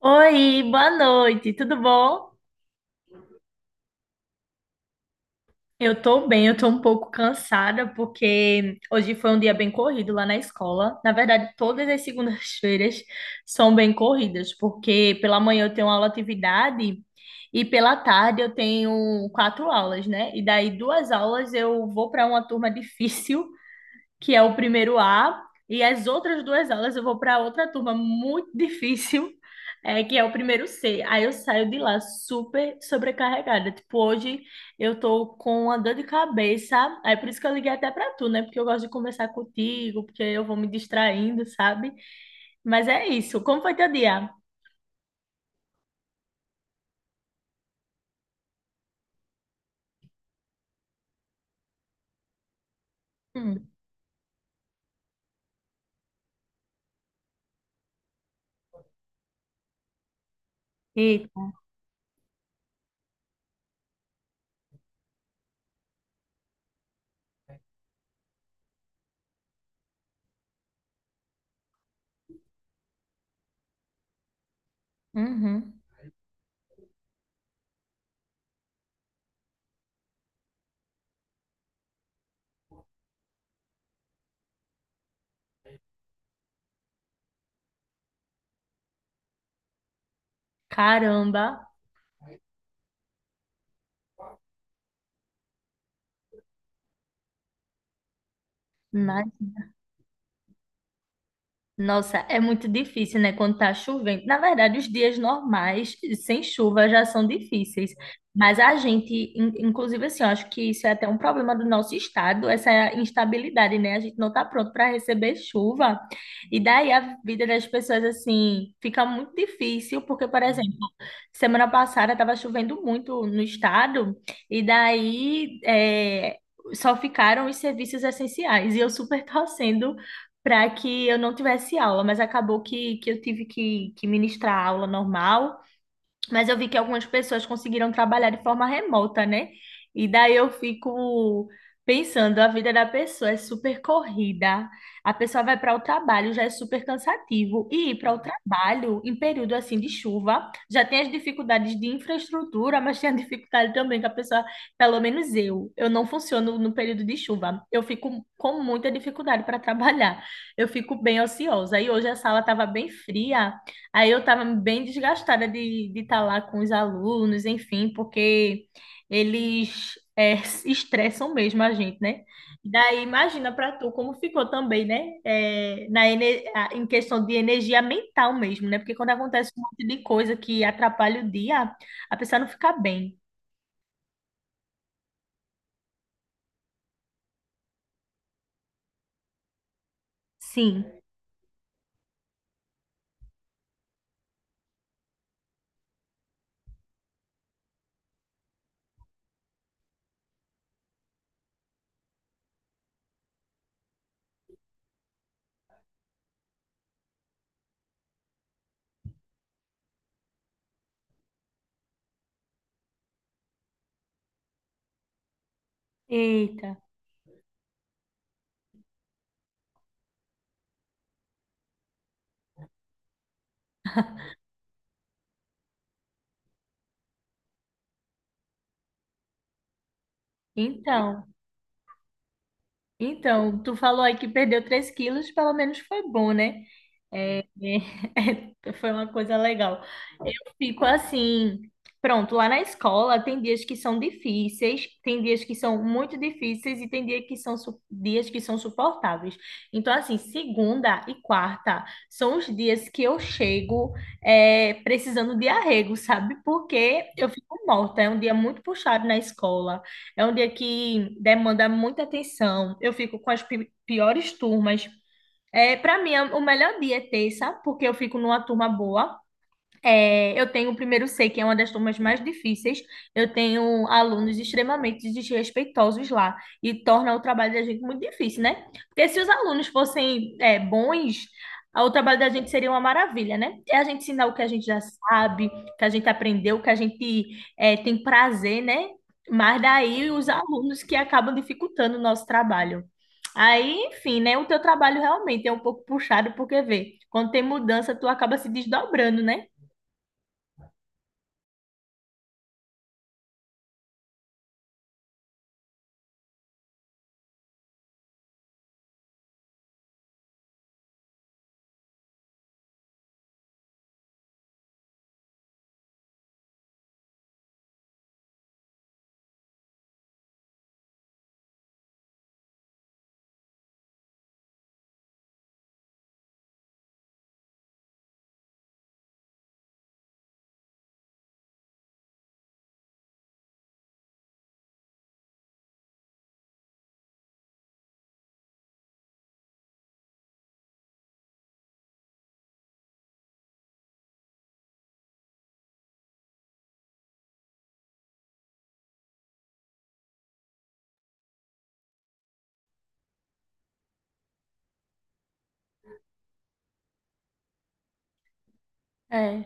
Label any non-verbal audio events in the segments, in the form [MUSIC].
Oi, boa noite, tudo bom? Eu tô bem, eu tô um pouco cansada porque hoje foi um dia bem corrido lá na escola. Na verdade, todas as segundas-feiras são bem corridas, porque pela manhã eu tenho aula atividade e pela tarde eu tenho quatro aulas, né? E daí duas aulas eu vou para uma turma difícil que é o primeiro A, e as outras duas aulas eu vou para outra turma muito [LAUGHS] difícil, é, que é o primeiro C. Aí eu saio de lá super sobrecarregada. Tipo, hoje eu tô com uma dor de cabeça. Aí por isso que eu liguei até para tu, né? Porque eu gosto de conversar contigo, porque eu vou me distraindo, sabe? Mas é isso. Como foi teu dia? Hum. E, uhum. Caramba, mas nossa, é muito difícil, né, quando tá chovendo. Na verdade, os dias normais, sem chuva, já são difíceis. Mas a gente, inclusive, assim, eu acho que isso é até um problema do nosso estado, essa instabilidade, né? A gente não tá pronto para receber chuva. E daí a vida das pessoas, assim, fica muito difícil, porque, por exemplo, semana passada estava chovendo muito no estado, e daí, só ficaram os serviços essenciais. E eu super [LAUGHS] torcendo para que eu não tivesse aula, mas acabou que eu tive que ministrar a aula normal. Mas eu vi que algumas pessoas conseguiram trabalhar de forma remota, né? E daí eu fico pensando, a vida da pessoa é super corrida. A pessoa vai para o trabalho, já é super cansativo. E ir para o trabalho em período assim de chuva, já tem as dificuldades de infraestrutura, mas tem a dificuldade também que a pessoa, pelo menos eu não funciono no período de chuva. Eu fico com muita dificuldade para trabalhar. Eu fico bem ociosa. E hoje a sala estava bem fria. Aí eu estava bem desgastada de estar lá com os alunos, enfim, porque eles se estressam mesmo a gente, né? Daí imagina para tu como ficou também, né? É, em questão de energia mental mesmo, né? Porque quando acontece um monte de coisa que atrapalha o dia, a pessoa não fica bem. Sim. Eita. Então, então, tu falou aí que perdeu 3 quilos, pelo menos foi bom, né? É, [LAUGHS] foi uma coisa legal. Fico assim, pronto, lá na escola tem dias que são difíceis, tem dias que são muito difíceis e tem dia que são, dias que são suportáveis. Então, assim, segunda e quarta são os dias que eu chego, precisando de arrego, sabe? Porque eu fico morta, é um dia muito puxado na escola, é um dia que demanda muita atenção, eu fico com as piores turmas. É, para mim, o melhor dia é terça, porque eu fico numa turma boa. É, eu tenho o primeiro C, que é uma das turmas mais difíceis. Eu tenho alunos extremamente desrespeitosos lá e torna o trabalho da gente muito difícil, né? Porque se os alunos fossem, bons, o trabalho da gente seria uma maravilha, né? É a gente ensinar o que a gente já sabe, o que a gente aprendeu, o que a gente, tem prazer, né? Mas daí os alunos que acabam dificultando o nosso trabalho. Aí, enfim, né? O teu trabalho realmente é um pouco puxado, porque vê, quando tem mudança, tu acaba se desdobrando, né? É.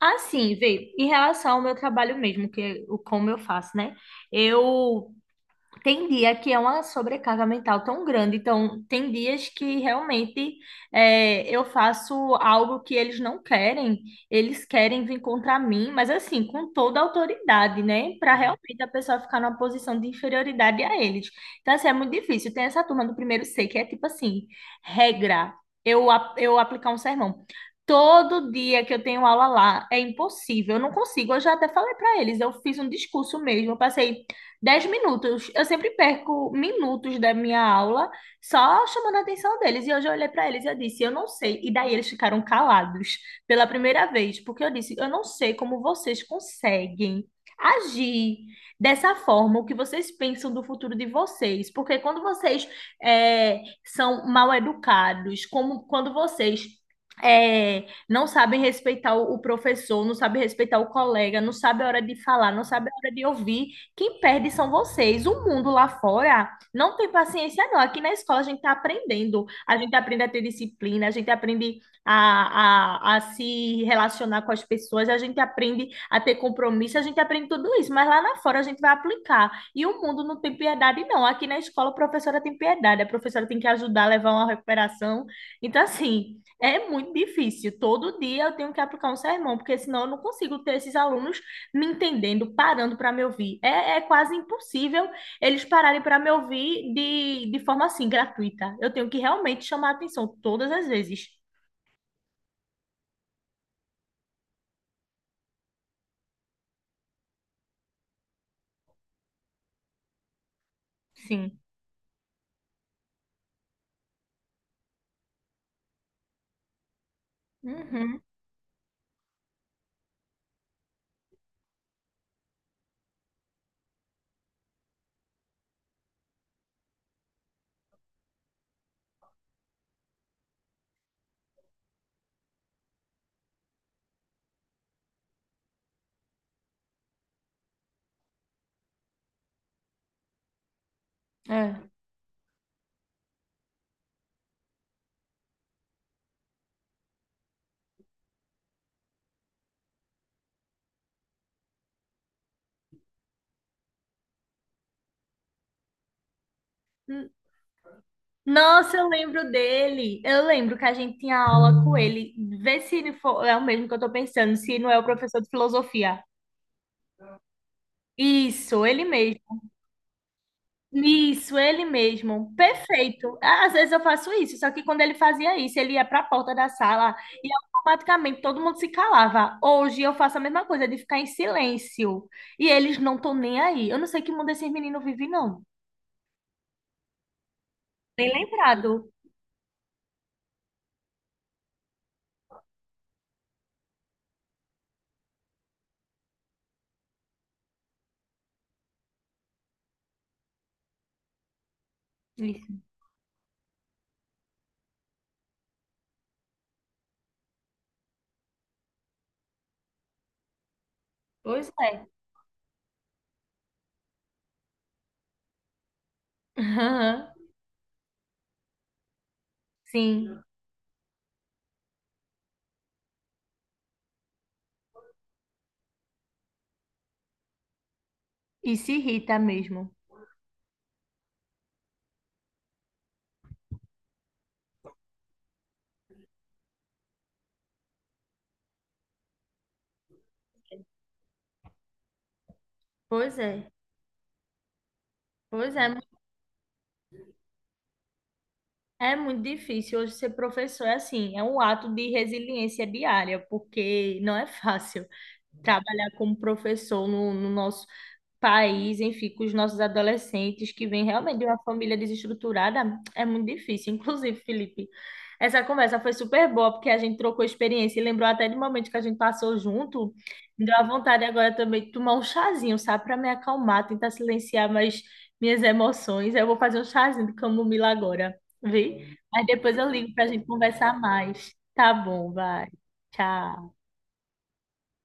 Assim, vê, em relação ao meu trabalho mesmo, que é o como eu faço, né? Eu tem dia que é uma sobrecarga mental tão grande, então tem dias que realmente, eu faço algo que eles não querem, eles querem vir contra mim, mas assim, com toda a autoridade, né? Para realmente a pessoa ficar numa posição de inferioridade a eles. Então, assim, é muito difícil. Tem essa turma do primeiro C que é tipo assim, regra, eu aplicar um sermão. Todo dia que eu tenho aula lá é impossível, eu não consigo. Eu já até falei para eles, eu fiz um discurso mesmo, eu passei 10 minutos. Eu sempre perco minutos da minha aula só chamando a atenção deles. E hoje eu olhei para eles e eu disse, eu não sei. E daí eles ficaram calados pela primeira vez, porque eu disse, eu não sei como vocês conseguem agir dessa forma, o que vocês pensam do futuro de vocês. Porque quando vocês, são mal educados, como quando vocês, não sabem respeitar o professor, não sabem respeitar o colega, não sabem a hora de falar, não sabem a hora de ouvir, quem perde são vocês. O mundo lá fora não tem paciência, não. Aqui na escola a gente está aprendendo. A gente aprende a ter disciplina, a gente aprende a se relacionar com as pessoas, a gente aprende a ter compromisso, a gente aprende tudo isso. Mas lá na fora a gente vai aplicar. E o mundo não tem piedade, não. Aqui na escola a professora tem piedade, a professora tem que ajudar a levar uma recuperação. Então, assim, é muito difícil. Todo dia eu tenho que aplicar um sermão, porque senão eu não consigo ter esses alunos me entendendo, parando para me ouvir. É, é quase impossível eles pararem para me ouvir de forma assim, gratuita. Eu tenho que realmente chamar a atenção todas as vezes. Sim. Uhum. É. N- Nossa, eu lembro dele. Eu lembro que a gente tinha aula com ele. Vê se ele for, é o mesmo que eu tô pensando, se não é o professor de filosofia. Isso, ele mesmo. Isso, ele mesmo. Perfeito. Às vezes eu faço isso, só que quando ele fazia isso, ele ia para a porta da sala e automaticamente todo mundo se calava. Hoje eu faço a mesma coisa, de ficar em silêncio. E eles não estão nem aí. Eu não sei que mundo esses meninos vivem, não. Nem lembrado. Isso. Pois é. [LAUGHS] Aham. Sim. E se irrita mesmo. Pois é. Pois é. É muito difícil hoje ser professor, é assim, é um ato de resiliência diária, porque não é fácil trabalhar como professor no nosso país, enfim, com os nossos adolescentes que vêm realmente de uma família desestruturada, é muito difícil. [LAUGHS] Inclusive, Felipe, essa conversa foi super boa, porque a gente trocou experiência e lembrou até de momento que a gente passou junto. Me deu a vontade agora também de tomar um chazinho, sabe, para me acalmar, tentar silenciar mais minhas emoções. Eu vou fazer um chazinho de camomila agora, vi? Mas depois eu ligo para a gente conversar mais. Tá bom, vai. Tchau.